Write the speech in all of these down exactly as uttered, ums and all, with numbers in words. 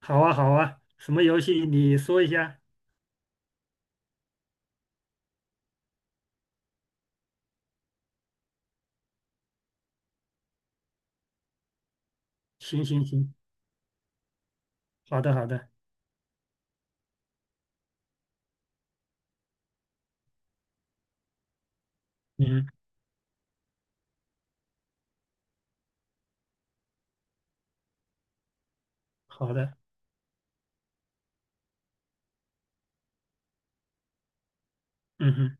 好啊，好啊，什么游戏你说一下？行行行，好的好的，嗯，好的，嗯哼，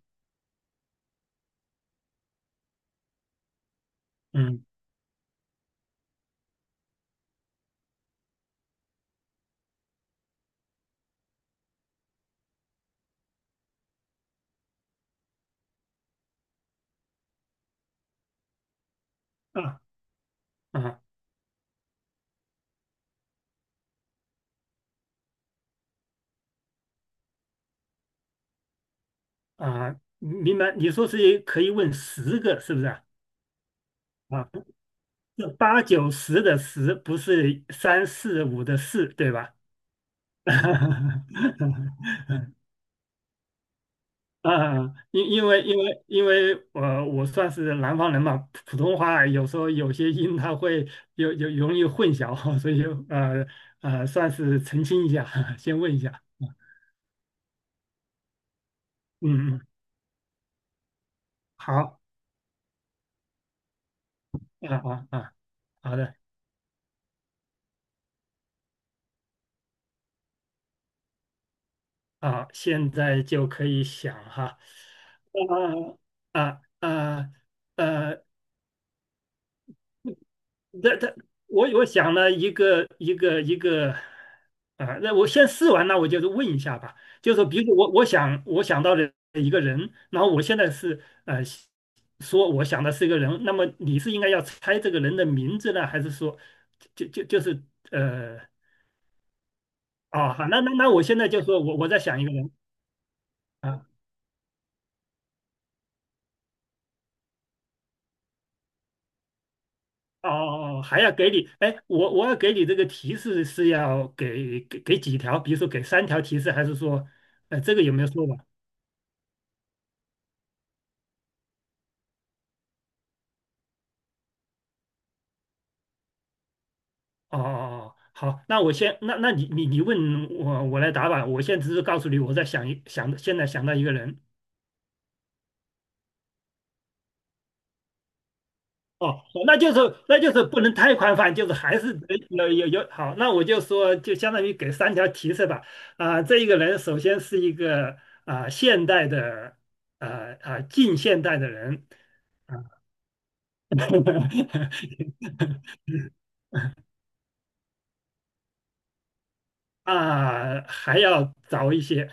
嗯啊啊啊，明白。你说是可以问十个是不是啊？啊，不是八九十的十，不是三四五的四，对吧？啊，因因为因为因为我我算是南方人嘛，普普通话有时候有些音它会有有容易混淆，所以呃呃，算是澄清一下，先问一下。嗯嗯，好，啊啊啊，好的啊，现在就可以想哈，啊啊啊呃那他，我我想了一个一个一个，啊、那我先试完，那我就是问一下吧。就是说，比如说我我想我想到的一个人，然后我现在是呃说我想的是一个人，那么你是应该要猜这个人的名字呢，还是说就就就是呃哦好，那那那我现在就说我我在想一个人啊，哦哦哦，还要给你，哎，我我要给你这个提示是要给给给几条，比如说给三条提示，还是说呃这个有没有说完？哦哦哦，好，那我先，那那你你你问我，我来答吧。我现在只是告诉你，我在想一想，现在想到一个人。哦，那就是那就是不能太宽泛，就是还是得有有有好。那我就说，就相当于给三条提示吧。啊、这一个人首先是一个啊、现代的啊啊、近现代的人啊 啊、还要早一些。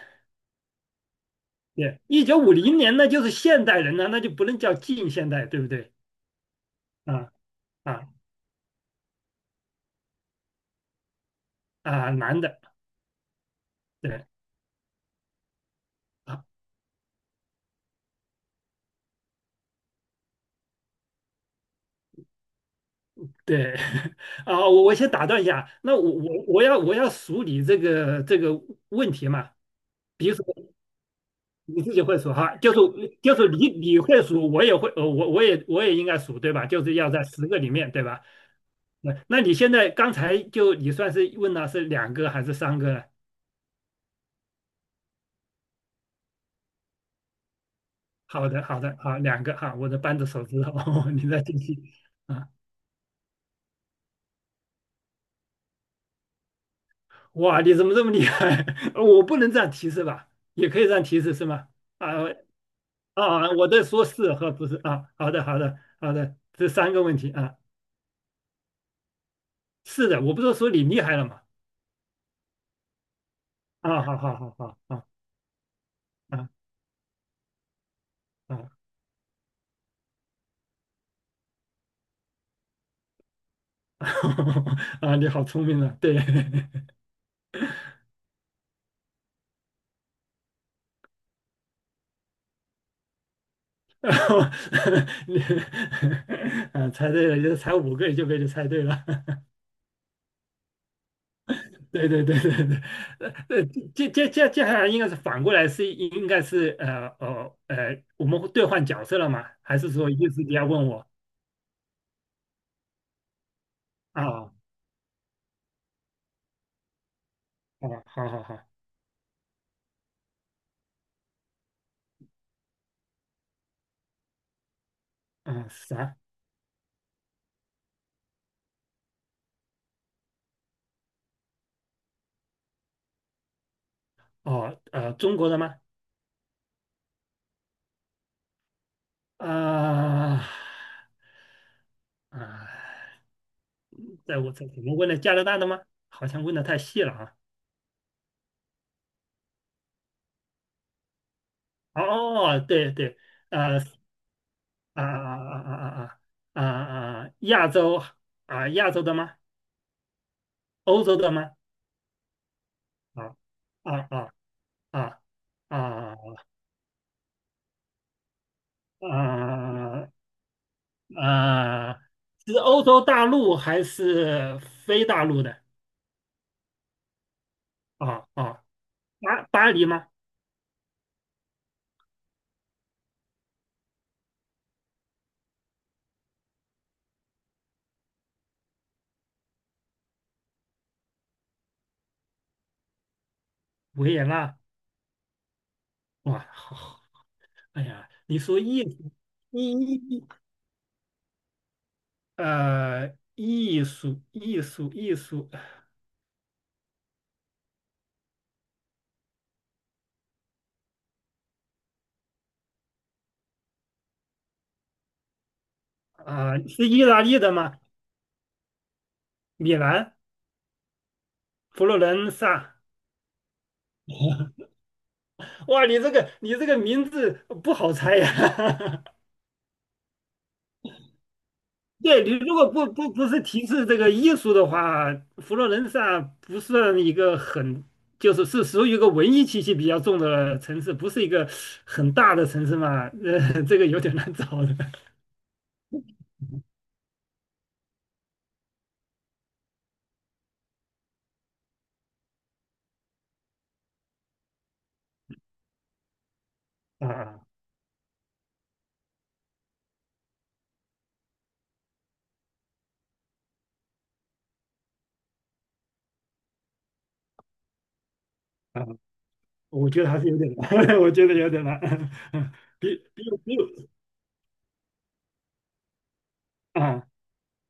对，一九五零年那就是现代人了，那就不能叫近现代，对不对？啊啊啊，男的，对啊对 啊，我我先打断一下，那我我我要我要数你这个这个问题嘛，比如说你自己会数哈，就是就是你你会数，我也会，呃，我我也我也应该数对吧？就是要在十个里面对吧？那那你现在刚才就你算是问了是两个还是三个呢？好的好的好，两个哈，我的扳着手指头，你再继续啊哇，你怎么这么厉害？我不能这样提示吧？也可以这样提示是吗？啊啊，我在说是和不是啊。好的，好的，好的，这三个问题啊。是的，我不是说你厉害了吗？啊，好好好好啊啊啊 啊！你好聪明啊，对，然后 你 啊，猜对了，就才五个就被你猜对了。对对对对对，呃呃，接接接接下来应该是反过来是应该是呃呃呃，我们会兑换角色了吗？还是说意思你要问我啊？哦，好好好，嗯，啥？哦，呃，中国的吗？啊啊，在我这怎么问的加拿大的吗？好像问的太细了啊。哦，对对，呃啊啊啊啊啊啊啊，亚洲啊亚洲的吗？欧洲的吗？啊啊啊啊啊。呃呃，是欧洲大陆还是非大陆的？哦哦，巴巴黎吗？维也纳？哇，好，好哎呀，你说艺术，艺艺呃，艺术艺术艺术啊、是意大利的吗？米兰、佛罗伦萨？哇，你这个你这个名字不好猜呀、对你如果不不不是提示这个艺术的话，佛罗伦萨不算一个很，就是是属于一个文艺气息比较重的城市，不是一个很大的城市嘛，呃，这个有点难找的啊啊，我觉得还是有点难，我觉得有点难，比比比啊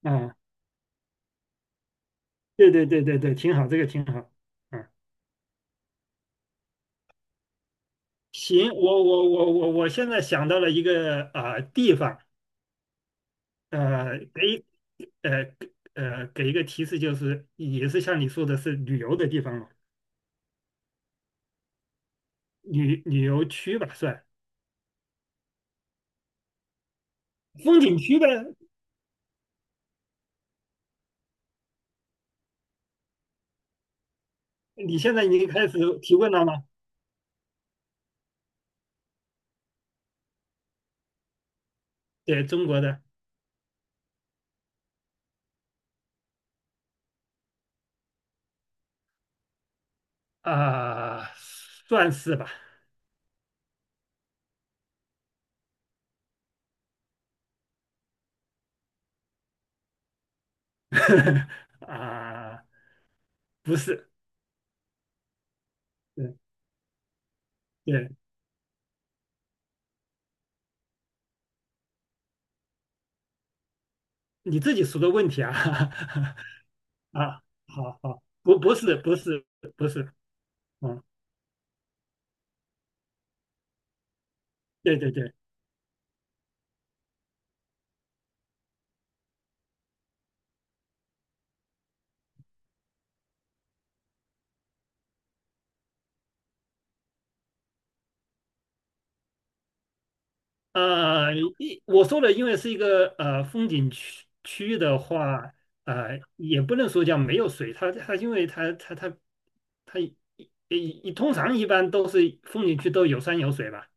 啊，对对对对对，挺好，这个挺好，嗯，行，我我我我我现在想到了一个啊、地方，呃，可以呃呃给一个提示，就是也是像你说的是旅游的地方嘛，旅旅游区吧算，风景区呗。你现在已经开始提问了吗？对，中国的啊、算是吧，啊、不是，对对，你自己说的问题啊，啊，好好，不不是不是不是，嗯，对对对，呃，一我说的因为是一个呃风景区区的话，呃，也不能说叫没有水，它它因为它它它它一一通常一般都是风景区都有山有水吧？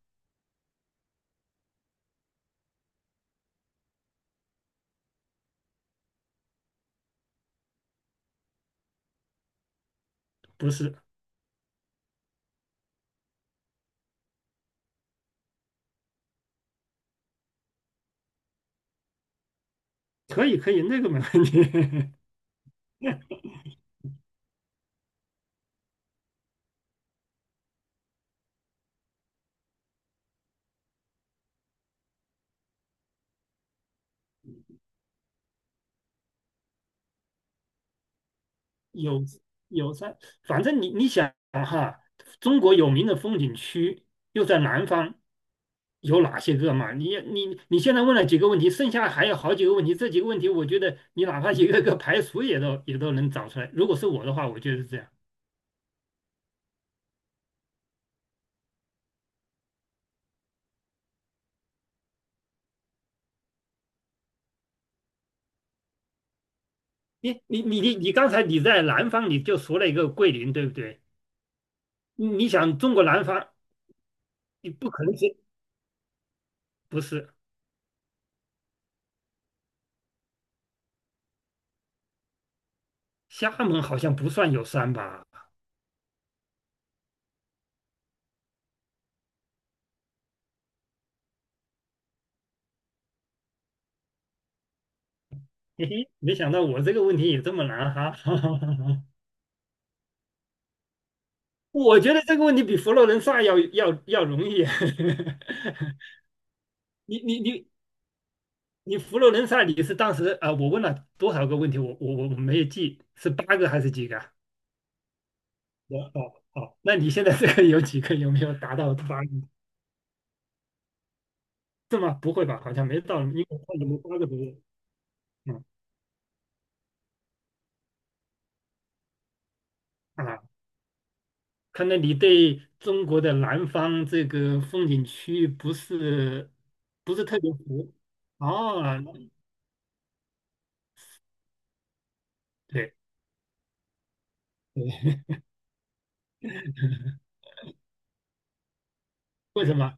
不是，可以可以，那个没问题，有有山，反正你你想哈，中国有名的风景区又在南方，有哪些个嘛？你你你现在问了几个问题，剩下还有好几个问题，这几个问题我觉得你哪怕一个个排除也都也都能找出来。如果是我的话，我觉得是这样。你你你你你刚才你在南方你就说了一个桂林，对不对？你你想中国南方，你不可能是不是？厦门好像不算有山吧？嘿嘿，没想到我这个问题也这么难哈。我觉得这个问题比佛罗伦萨要要要容易。你你你你佛罗伦萨你是当时啊、呃我问了多少个问题？我我我我没有记，是八个还是几个啊？我哦哦，那你现在这个有几个？有没有达到八个？是吗？不会吧？好像没到，因为我看你们八个左右。嗯啊，看来你对中国的南方这个风景区不是不是特别熟。哦，对对，为什么？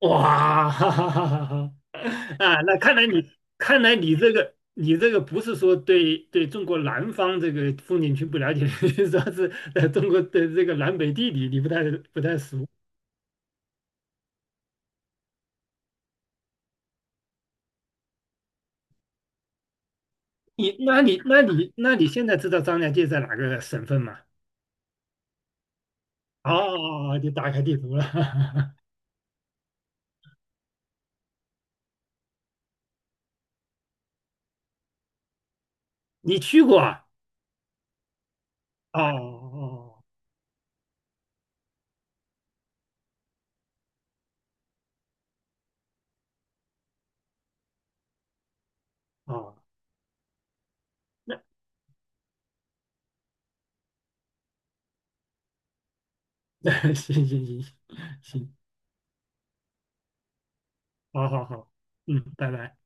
哇，哈哈哈哈哈！啊，那看来你看来你这个你这个不是说对对中国南方这个风景区不了解，说说是呃中国的这个南北地理你不太不太熟。你那你那你那你现在知道张家界在哪个省份吗？哦，你打开地图了，你去过啊？哦哦哦，哦哦那 行行行行，好好好，嗯，拜拜。